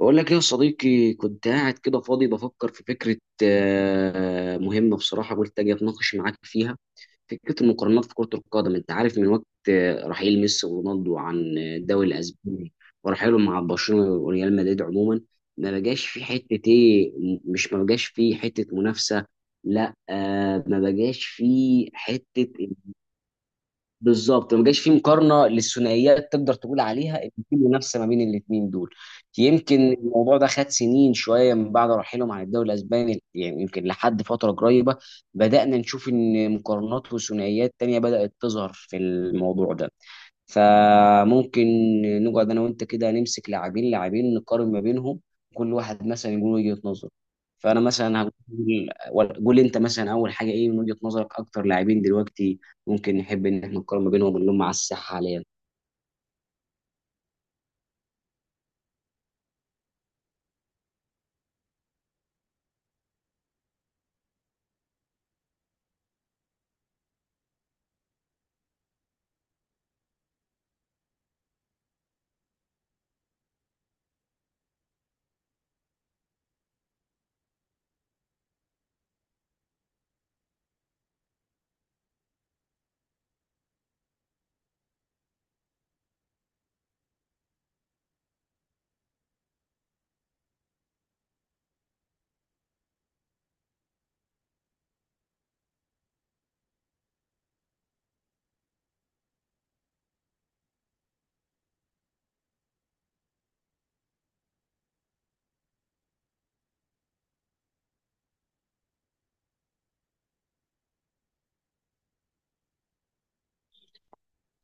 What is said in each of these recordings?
بقول لك ايه يا صديقي؟ كنت قاعد كده فاضي بفكر في فكرة مهمة بصراحة. قلت اجي اتناقش معاك فيها. فكرة المقارنات في كرة القدم، انت عارف من وقت رحيل ميسي ورونالدو عن الدوري الاسباني، ورحيلهم مع برشلونة وريال مدريد عموما، ما بقاش في حتة ايه. مش ما بقاش في حتة منافسة. لا، ما بقاش في حتة. بالظبط، ما جاش فيه مقارنه للثنائيات تقدر تقول عليها ان في منافسه ما بين الاثنين دول. يمكن الموضوع ده خد سنين شويه من بعد رحيلهم عن الدوري الاسباني. يعني يمكن لحد فتره قريبه بدانا نشوف ان مقارنات وثنائيات تانية بدات تظهر في الموضوع ده. فممكن نقعد انا وانت كده نمسك لاعبين نقارن ما بينهم، كل واحد مثلا يقول وجهة نظره. فانا مثلا هقول قول انت مثلا اول حاجه ايه من وجهة نظرك اكتر لاعبين دلوقتي ممكن نحب ان احنا نقارن ما بينهم، اللي هم على الساحه حاليا.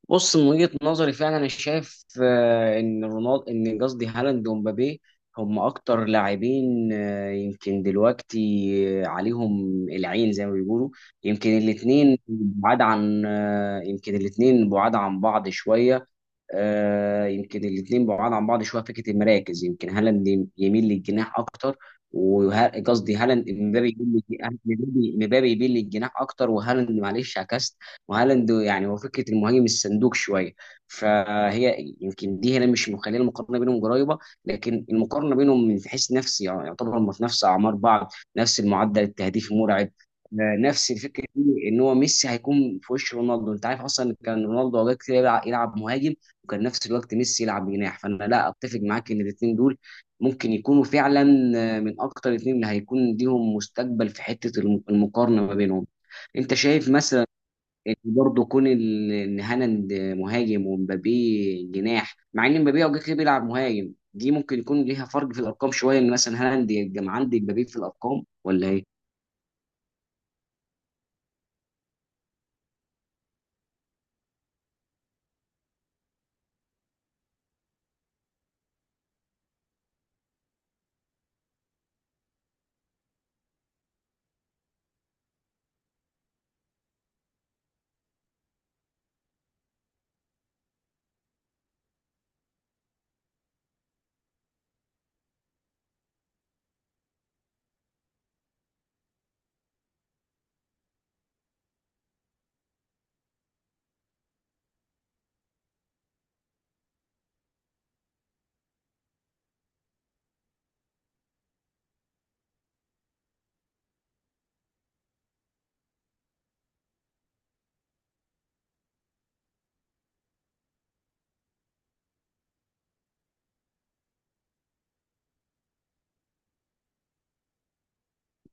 بص، من وجهة نظري فعلا انا شايف ان رونالدو، ان قصدي هالاند ومبابي، هم اكتر لاعبين يمكن دلوقتي عليهم العين زي ما بيقولوا. يمكن الاثنين بعاد عن بعض شوية. يمكن الاثنين بعاد عن بعض شويه في فكره المراكز. يمكن هالاند يميل للجناح اكتر، قصدي هالاند مبابي يميل للج- مبابي مبابي يميل للجناح اكتر، وهالاند معلش عكست. وهالاند يعني هو فكره المهاجم الصندوق شويه، فهي يمكن دي هنا مش مخليه المقارنه بينهم قريبه. لكن المقارنه بينهم من حيث نفسي، يعني يعتبر هم في نفس اعمار بعض، نفس المعدل التهديفي المرعب. نفس الفكره دي ان هو ميسي هيكون في وش رونالدو. انت عارف اصلا كان رونالدو اوقات كتير يلعب مهاجم، وكان نفس الوقت ميسي يلعب جناح. فانا لا اتفق معاك ان الاثنين دول ممكن يكونوا فعلا من اكتر الاثنين اللي هيكون ليهم مستقبل في حته المقارنه ما بينهم. انت شايف مثلا ان برضه كون ان هالاند مهاجم ومبابي جناح، مع ان مبابي اوقات كتير بيلعب مهاجم، دي ممكن يكون ليها فرق في الارقام شويه، ان مثلا هالاند يبقى عندي مبابي في الارقام ولا ايه؟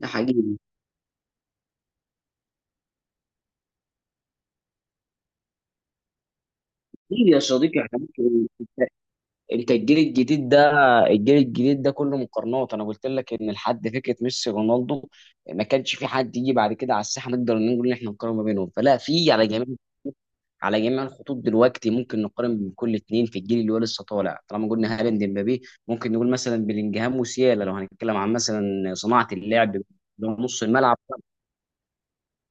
ده حقيقي. ليه يا صديقي؟ احنا انت الجيل الجديد ده، الجيل الجديد ده كله مقارنات. انا قلت لك ان لحد فكره ميسي رونالدو ما كانش في حد يجي بعد كده على الساحه نقدر نقول ان احنا نقارن ما بينهم، فلا في على جميع على جميع الخطوط دلوقتي ممكن نقارن بين كل اتنين في الجيل اللي هو لسه طالع. طالما قلنا هالاند مبابي، ممكن نقول مثلا بلينجهام وسيالا لو هنتكلم عن مثلا صناعه اللعب، اللي هو نص الملعب.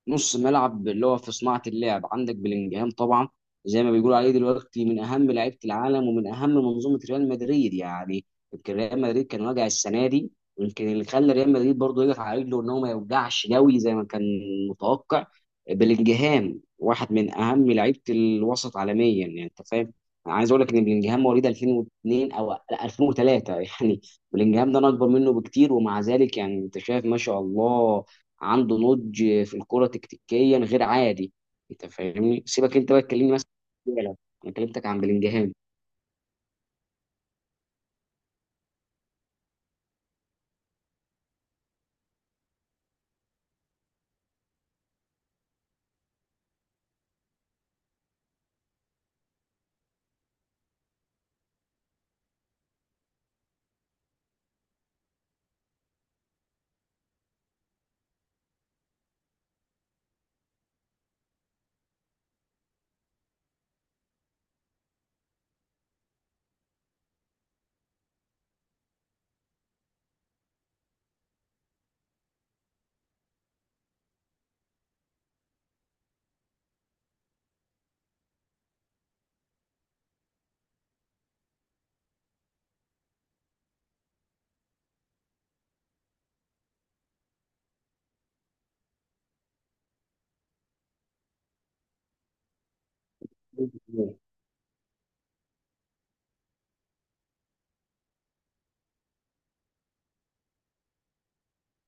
نص ملعب اللي هو في صناعة اللعب، عندك بلينجهام طبعا زي ما بيقولوا عليه دلوقتي من أهم لعيبة العالم ومن أهم منظومة ريال مدريد، يعني يمكن ريال مدريد كان واجع السنة دي، ويمكن اللي خلى ريال مدريد برضه يقف على رجله إن هو ما يوجعش قوي زي ما كان متوقع. بلينجهام واحد من أهم لعيبة الوسط عالميا، يعني أنت فاهم. أنا عايز أقول لك إن بلينجهام مواليد 2002 أو لا 2003 يعني بلينجهام ده أنا أكبر منه بكتير، ومع ذلك يعني أنت شايف ما شاء الله عنده نضج في الكرة تكتيكيا غير عادي. انت فاهمني؟ سيبك انت بقى تكلمني مثلا عن ديبالا. انا كلمتك عن بلينجهام.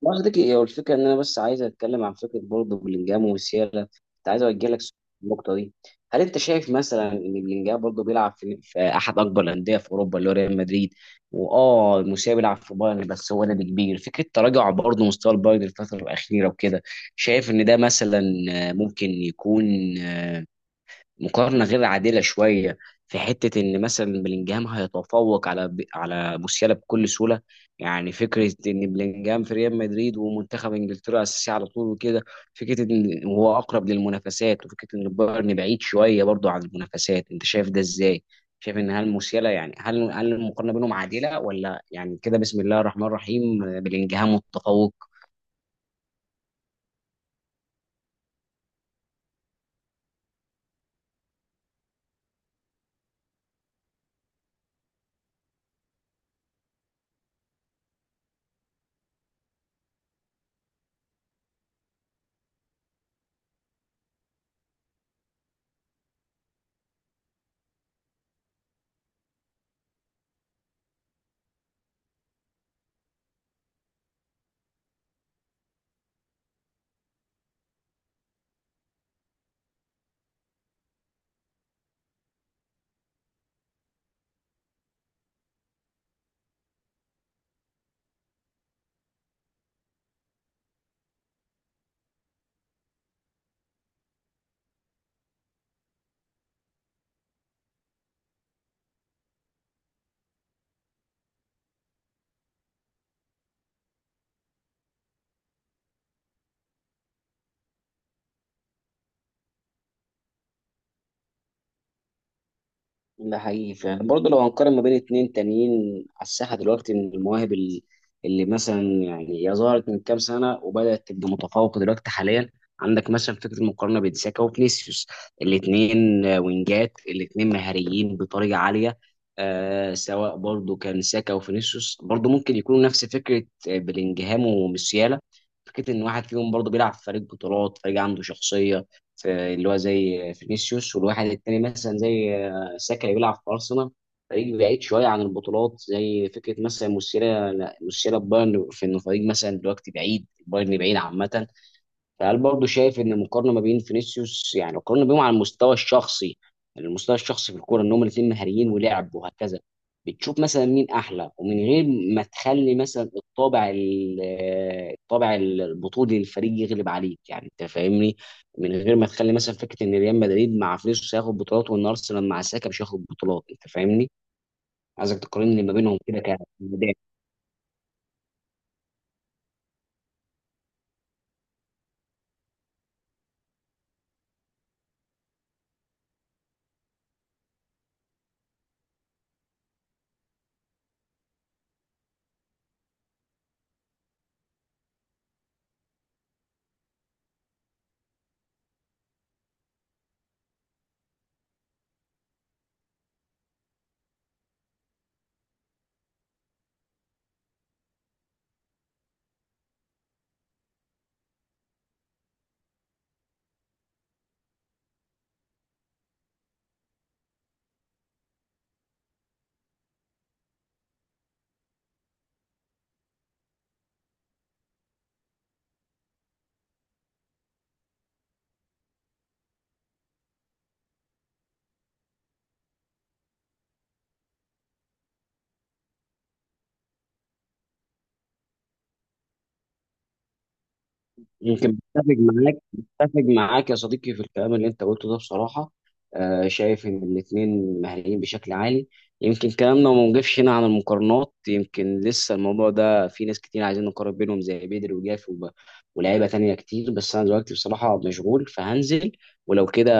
ما قصدي هو الفكره ان انا بس عايز اتكلم عن فكره برضه بلينجهام وسيالا. كنت عايز اوجه لك سؤال في النقطه دي. هل انت شايف مثلا ان بلينجهام برضه بيلعب في احد اكبر الانديه في اوروبا اللي هو ريال مدريد، واه موسيقى بيلعب في بايرن، بس هو نادي كبير، فكره تراجع برضه مستوى البايرن الفتره الاخيره وكده، شايف ان ده مثلا ممكن يكون مقارنه غير عادله شويه، في حته ان مثلا بلينجهام هيتفوق على موسيالا بكل سهوله؟ يعني فكره ان بلينجهام في ريال مدريد ومنتخب انجلترا اساسي على طول وكده، فكره ان هو اقرب للمنافسات، وفكره ان بايرن بعيد شويه برضه عن المنافسات، انت شايف ده ازاي؟ شايف ان هل موسيالا، يعني هل المقارنه بينهم عادله، ولا يعني كده بسم الله الرحمن الرحيم بلينجهام متفوق؟ ده حقيقي فعلا. برضه لو هنقارن ما بين اتنين تانيين على الساحة دلوقتي من المواهب اللي مثلا يعني هي ظهرت من كام سنة وبدأت تبقى متفوقة دلوقتي حاليا، عندك مثلا فكرة المقارنة بين ساكا وفينيسيوس. الاتنين وينجات، الاتنين مهاريين بطريقة عالية. سواء برضه كان ساكا وفينيسيوس برضه ممكن يكونوا نفس فكرة بلينجهام وموسيالا. فكرة إن واحد فيهم برضه بيلعب في فريق بطولات، فريق عنده شخصية في، اللي هو زي فينيسيوس، والواحد التاني مثلا زي ساكا يلعب في ارسنال، فريق بعيد شويه عن البطولات، زي فكره مثلا مسيرة بايرن في ان فريق مثلا دلوقتي بعيد، بايرن بعيد عامه. فهل برضه شايف ان المقارنه ما بين فينيسيوس، يعني القارنه بينهم على المستوى الشخصي، يعني المستوى الشخصي في الكوره، ان هم الاثنين مهاريين ولعب وهكذا، بتشوف مثلا مين احلى، ومن غير ما تخلي مثلا الطابع الطابع البطولي للفريق يغلب عليك، يعني انت فاهمني، من غير ما تخلي مثلا فكره ان ريال مدريد مع فينيسيوس هياخد بطولات وان ارسنال مع ساكا مش هياخد بطولات، انت فاهمني؟ عايزك تقارن لي ما بينهم كده كده. يمكن بتفق معاك يا صديقي في الكلام اللي انت قلته ده بصراحه. شايف ان الاثنين مهاريين بشكل عالي. يمكن كلامنا ما وقفش هنا عن المقارنات، يمكن لسه الموضوع ده في ناس كتير عايزين نقارن بينهم زي بدري وجافي ولاعيبه تانية كتير، بس انا دلوقتي بصراحه مشغول فهنزل، ولو كده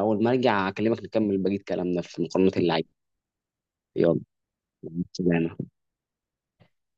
اول ما ارجع اكلمك نكمل بقيه كلامنا في مقارنات اللعيبه. يلا، مع السلامه.